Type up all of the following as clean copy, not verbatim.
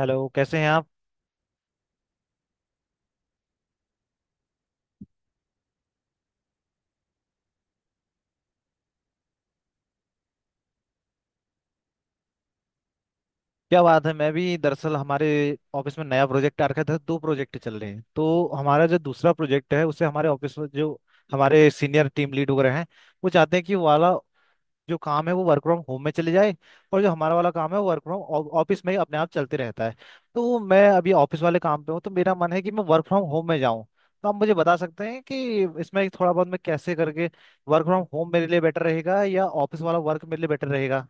Hello, कैसे हैं आप। क्या बात है, मैं भी दरअसल हमारे ऑफिस में नया प्रोजेक्ट आ रखा था। दो प्रोजेक्ट चल रहे हैं तो हमारा जो दूसरा प्रोजेक्ट है उसे हमारे ऑफिस में जो हमारे सीनियर टीम लीड वगैरह हैं वो चाहते हैं कि वो वाला जो काम है वो वर्क फ्रॉम होम में चले जाए, और जो हमारा वाला काम है वो वर्क फ्रॉम ऑफिस में ही अपने आप चलते रहता है। तो मैं अभी ऑफिस वाले काम पे हूँ तो मेरा मन है कि मैं वर्क फ्रॉम होम में जाऊँ। तो आप मुझे बता सकते हैं कि इसमें थोड़ा बहुत मैं कैसे करके वर्क फ्रॉम होम मेरे लिए बेटर रहेगा या ऑफिस वाला वर्क मेरे लिए बेटर रहेगा।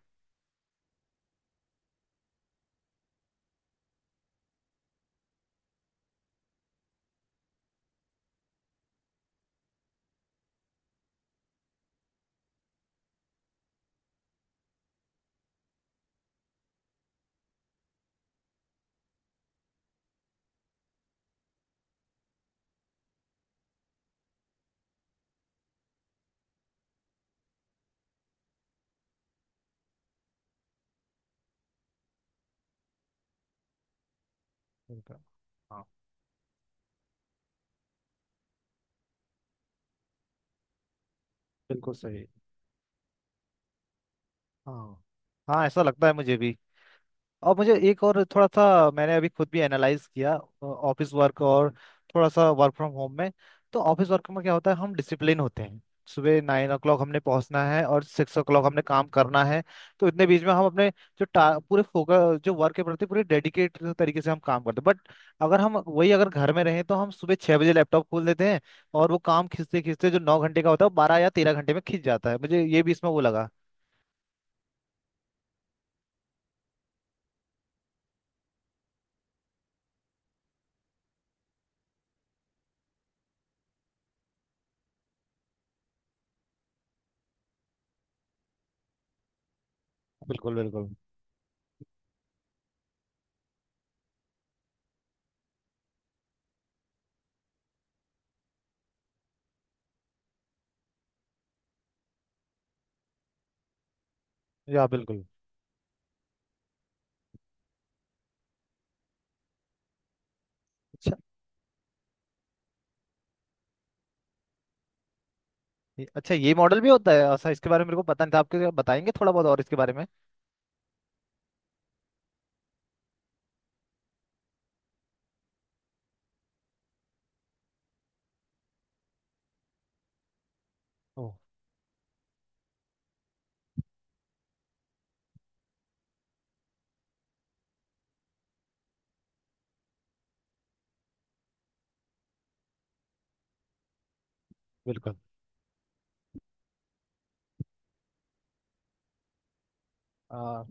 बिल्कुल। बिल्कुल सही। हाँ। हाँ, ऐसा लगता है मुझे भी। और मुझे एक और थोड़ा सा मैंने अभी खुद भी एनालाइज किया, ऑफिस वर्क और थोड़ा सा वर्क फ्रॉम होम में। तो ऑफिस वर्क में क्या होता है, हम डिसिप्लिन होते हैं। सुबह 9 ओ क्लॉक हमने पहुंचना है और 6 ओ क्लॉक हमने काम करना है। तो इतने बीच में हम अपने पूरे फोकस, जो वर्क के प्रति पूरे डेडिकेट तरीके से हम काम करते हैं। बट अगर हम वही अगर घर में रहें तो हम सुबह 6 बजे लैपटॉप खोल देते हैं। और वो काम खींचते खींचते जो 9 घंटे का होता है वो 12 या 13 घंटे में खींच जाता है। मुझे ये भी इसमें वो लगा। बिल्कुल बिल्कुल। या बिल्कुल। अच्छा। अच्छा, ये मॉडल भी होता है ऐसा? इसके बारे में मेरे को पता नहीं था। आपके बताएंगे थोड़ा बहुत और इसके बारे में। ओ। बिल्कुल। आ,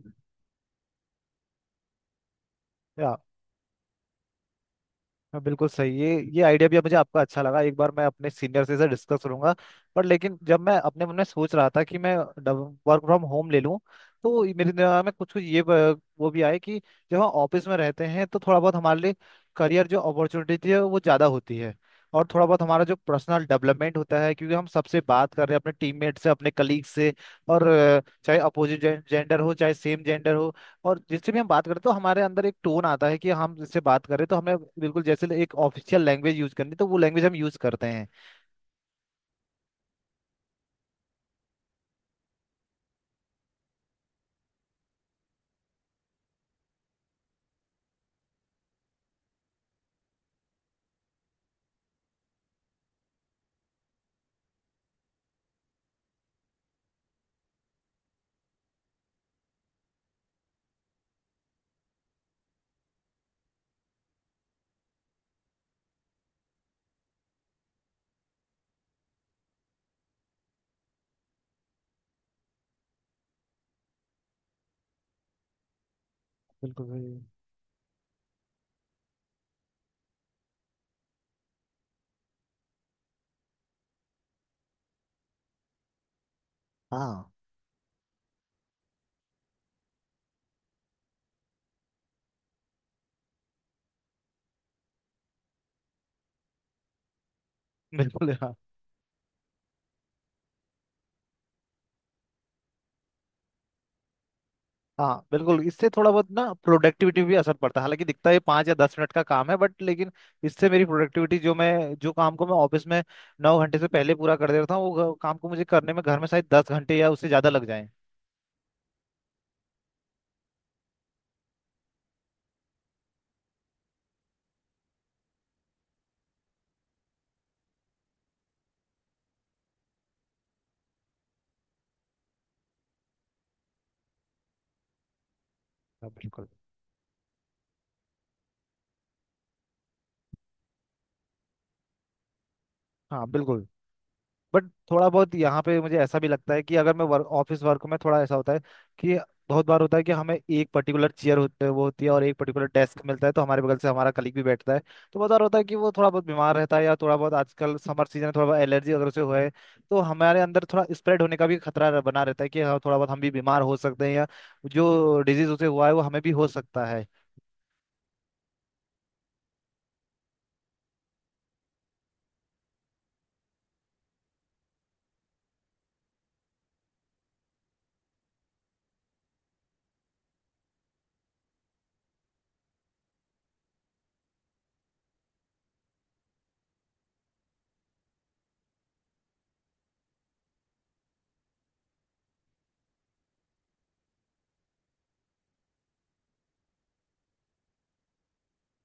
या हाँ, बिल्कुल सही। ये आइडिया भी मुझे आपका अच्छा लगा। एक बार मैं अपने सीनियर से इसे डिस्कस करूंगा। पर लेकिन जब मैं अपने मन में सोच रहा था कि मैं वर्क फ्रॉम होम ले लूं, तो मेरे दिमाग में कुछ कुछ वो भी आए कि जब हम ऑफिस में रहते हैं तो थोड़ा बहुत हमारे लिए करियर जो अपॉर्चुनिटी है वो ज़्यादा होती है। और थोड़ा बहुत हमारा जो पर्सनल डेवलपमेंट होता है, क्योंकि हम सबसे बात कर रहे हैं अपने टीममेट से, अपने कलीग से। और चाहे अपोजिट जेंडर हो चाहे सेम जेंडर हो, और जिससे भी हम बात करते हैं तो हमारे अंदर एक टोन आता है कि हम जिससे बात कर रहे हैं तो हमें बिल्कुल जैसे एक ऑफिशियल लैंग्वेज यूज करनी है, तो वो लैंग्वेज हम यूज करते हैं। बिल्कुल भाई। हाँ बिल्कुल। हाँ। हाँ बिल्कुल, इससे थोड़ा बहुत ना प्रोडक्टिविटी भी असर पड़ता है। हालांकि दिखता है 5 या 10 मिनट का काम है, बट लेकिन इससे मेरी प्रोडक्टिविटी, जो काम को मैं ऑफिस में 9 घंटे से पहले पूरा कर देता हूँ, वो काम को मुझे करने में घर में शायद 10 घंटे या उससे ज़्यादा लग जाए। हाँ बिल्कुल। हाँ बिल्कुल। बट थोड़ा बहुत यहाँ पे मुझे ऐसा भी लगता है कि अगर मैं वर्क ऑफिस वर्क में, थोड़ा ऐसा होता है कि बहुत बार होता है कि हमें एक पर्टिकुलर चेयर होते वो होती है और एक पर्टिकुलर डेस्क मिलता है तो हमारे बगल से हमारा कलीग भी बैठता है। तो बहुत बार होता है कि वो थोड़ा बहुत बीमार रहता है, या थोड़ा बहुत आजकल समर सीजन है, थोड़ा बहुत एलर्जी अगर उसे हुआ है, तो हमारे अंदर थोड़ा स्प्रेड होने का भी खतरा बना रहता है कि हाँ, थोड़ा बहुत हम भी बीमार हो सकते हैं या जो डिजीज उसे हुआ है वो हमें भी हो सकता है।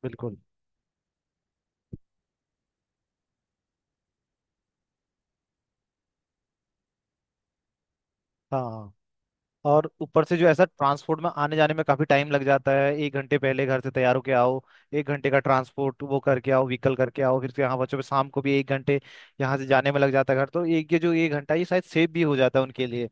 बिल्कुल। हाँ। और ऊपर से जो ऐसा ट्रांसपोर्ट में आने जाने में काफी टाइम लग जाता है, एक घंटे पहले घर से तैयार होके आओ, एक घंटे का ट्रांसपोर्ट वो करके आओ, व्हीकल करके आओ, फिर से यहाँ बच्चों पे। शाम को भी एक घंटे यहाँ से जाने में लग जाता है घर। तो एक, ये जो एक घंटा ये शायद सेव भी हो जाता है उनके लिए।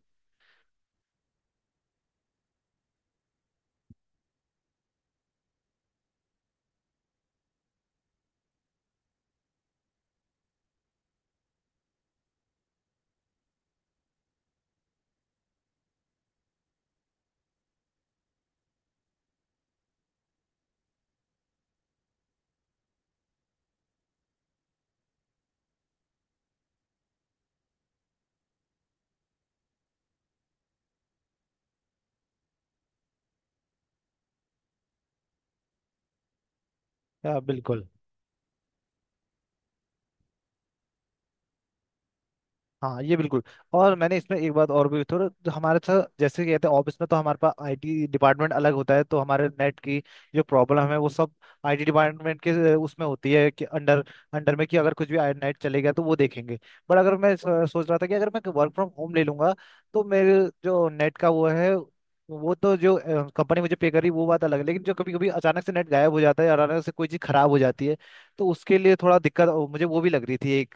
हाँ बिल्कुल। हाँ ये बिल्कुल। और मैंने इसमें एक बात और भी थोड़ा, तो हमारे साथ जैसे कहते हैं ऑफिस में, तो हमारे पास आईटी डिपार्टमेंट अलग होता है। तो हमारे नेट की जो प्रॉब्लम है वो सब आईटी डिपार्टमेंट के उसमें होती है कि अंडर अंडर में कि अगर कुछ भी नेट चलेगा तो वो देखेंगे। बट अगर मैं सोच रहा था कि अगर मैं वर्क फ्रॉम होम ले लूंगा, तो मेरे जो नेट का वो है, वो तो जो कंपनी मुझे पे करी वो बात अलग है, लेकिन जो कभी कभी अचानक से नेट गायब हो जाता है और अचानक से कोई चीज़ खराब हो जाती है, तो उसके लिए थोड़ा दिक्कत मुझे वो भी लग रही थी एक।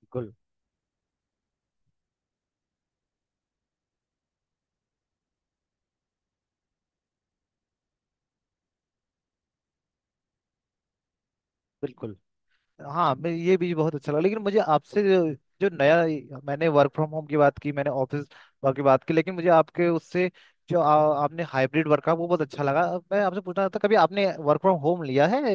बिल्कुल बिल्कुल। हाँ, मैं ये भी बहुत अच्छा लगा। लेकिन मुझे आपसे जो नया मैंने वर्क फ्रॉम होम की बात की, मैंने ऑफिस वर्क की बात की, लेकिन मुझे आपके उससे जो आपने हाइब्रिड वर्क का वो बहुत अच्छा लगा। अब मैं आपसे पूछना चाहता, कभी आपने वर्क फ्रॉम होम लिया है?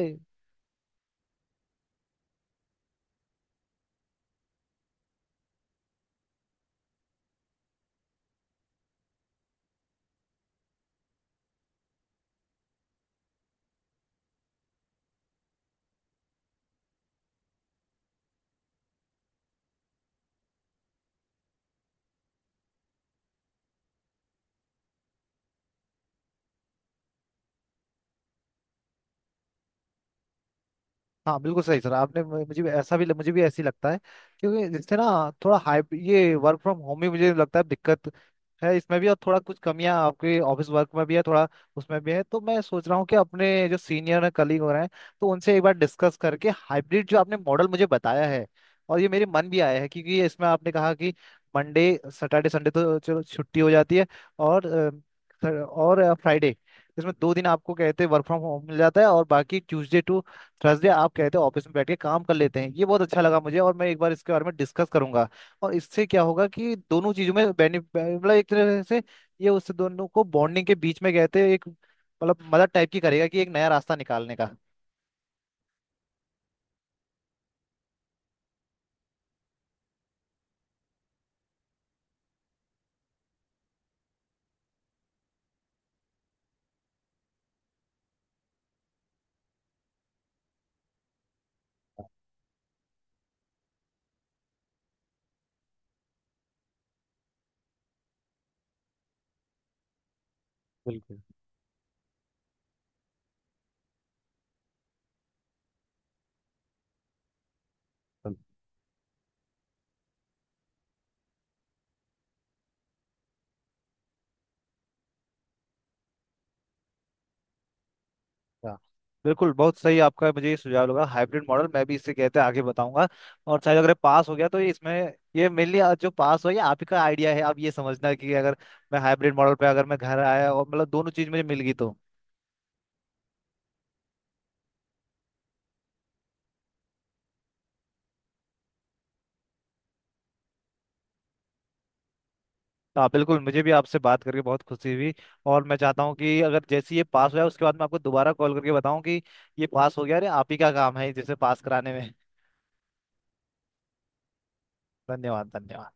हाँ बिल्कुल सही सर, आपने मुझे भी ऐसा, भी मुझे भी ऐसी लगता है, क्योंकि जिससे ना थोड़ा हाई, ये वर्क फ्रॉम होम भी मुझे लगता है दिक्कत है इसमें भी, और थोड़ा कुछ कमियां आपके ऑफिस वर्क में भी है, थोड़ा उसमें भी है। तो मैं सोच रहा हूँ कि अपने जो सीनियर कलीग हो रहे हैं तो उनसे एक बार डिस्कस करके हाइब्रिड जो आपने मॉडल मुझे बताया है, और ये मेरे मन भी आया है, क्योंकि ये इसमें आपने कहा कि मंडे, सैटरडे, संडे तो चलो छुट्टी हो जाती है, और और फ्राइडे, इसमें 2 दिन आपको कहते हैं वर्क फ्रॉम होम मिल जाता है, और बाकी ट्यूसडे टू थर्सडे आप कहते हो ऑफिस में बैठ के काम कर लेते हैं, ये बहुत अच्छा लगा मुझे। और मैं एक बार इसके बारे में डिस्कस करूंगा, और इससे क्या होगा कि दोनों चीजों में बेनिफिट, मतलब एक तरह से ये उससे दोनों को बॉन्डिंग के बीच में कहते हैं, एक मतलब मदद टाइप की करेगा कि एक नया रास्ता निकालने का। बिल्कुल बिल्कुल। अच्छा। बिल्कुल, बहुत सही आपका मुझे ये सुझाव लगा। हाइब्रिड मॉडल मैं भी इससे कहते आगे बताऊंगा, और शायद अगर ये पास हो गया तो ये इसमें, ये मेनली जो पास हो, ये आप ही का आइडिया है। आप ये समझना कि अगर मैं हाइब्रिड मॉडल पे, अगर मैं घर आया और मतलब दोनों चीज मुझे मिल गई तो। हाँ बिल्कुल, मुझे भी आपसे बात करके बहुत खुशी हुई। और मैं चाहता हूँ कि अगर जैसे ही ये पास हो जाए, उसके बाद मैं आपको दोबारा कॉल करके बताऊँ कि ये पास हो गया, अरे आप ही का काम है जैसे पास कराने में। धन्यवाद धन्यवाद।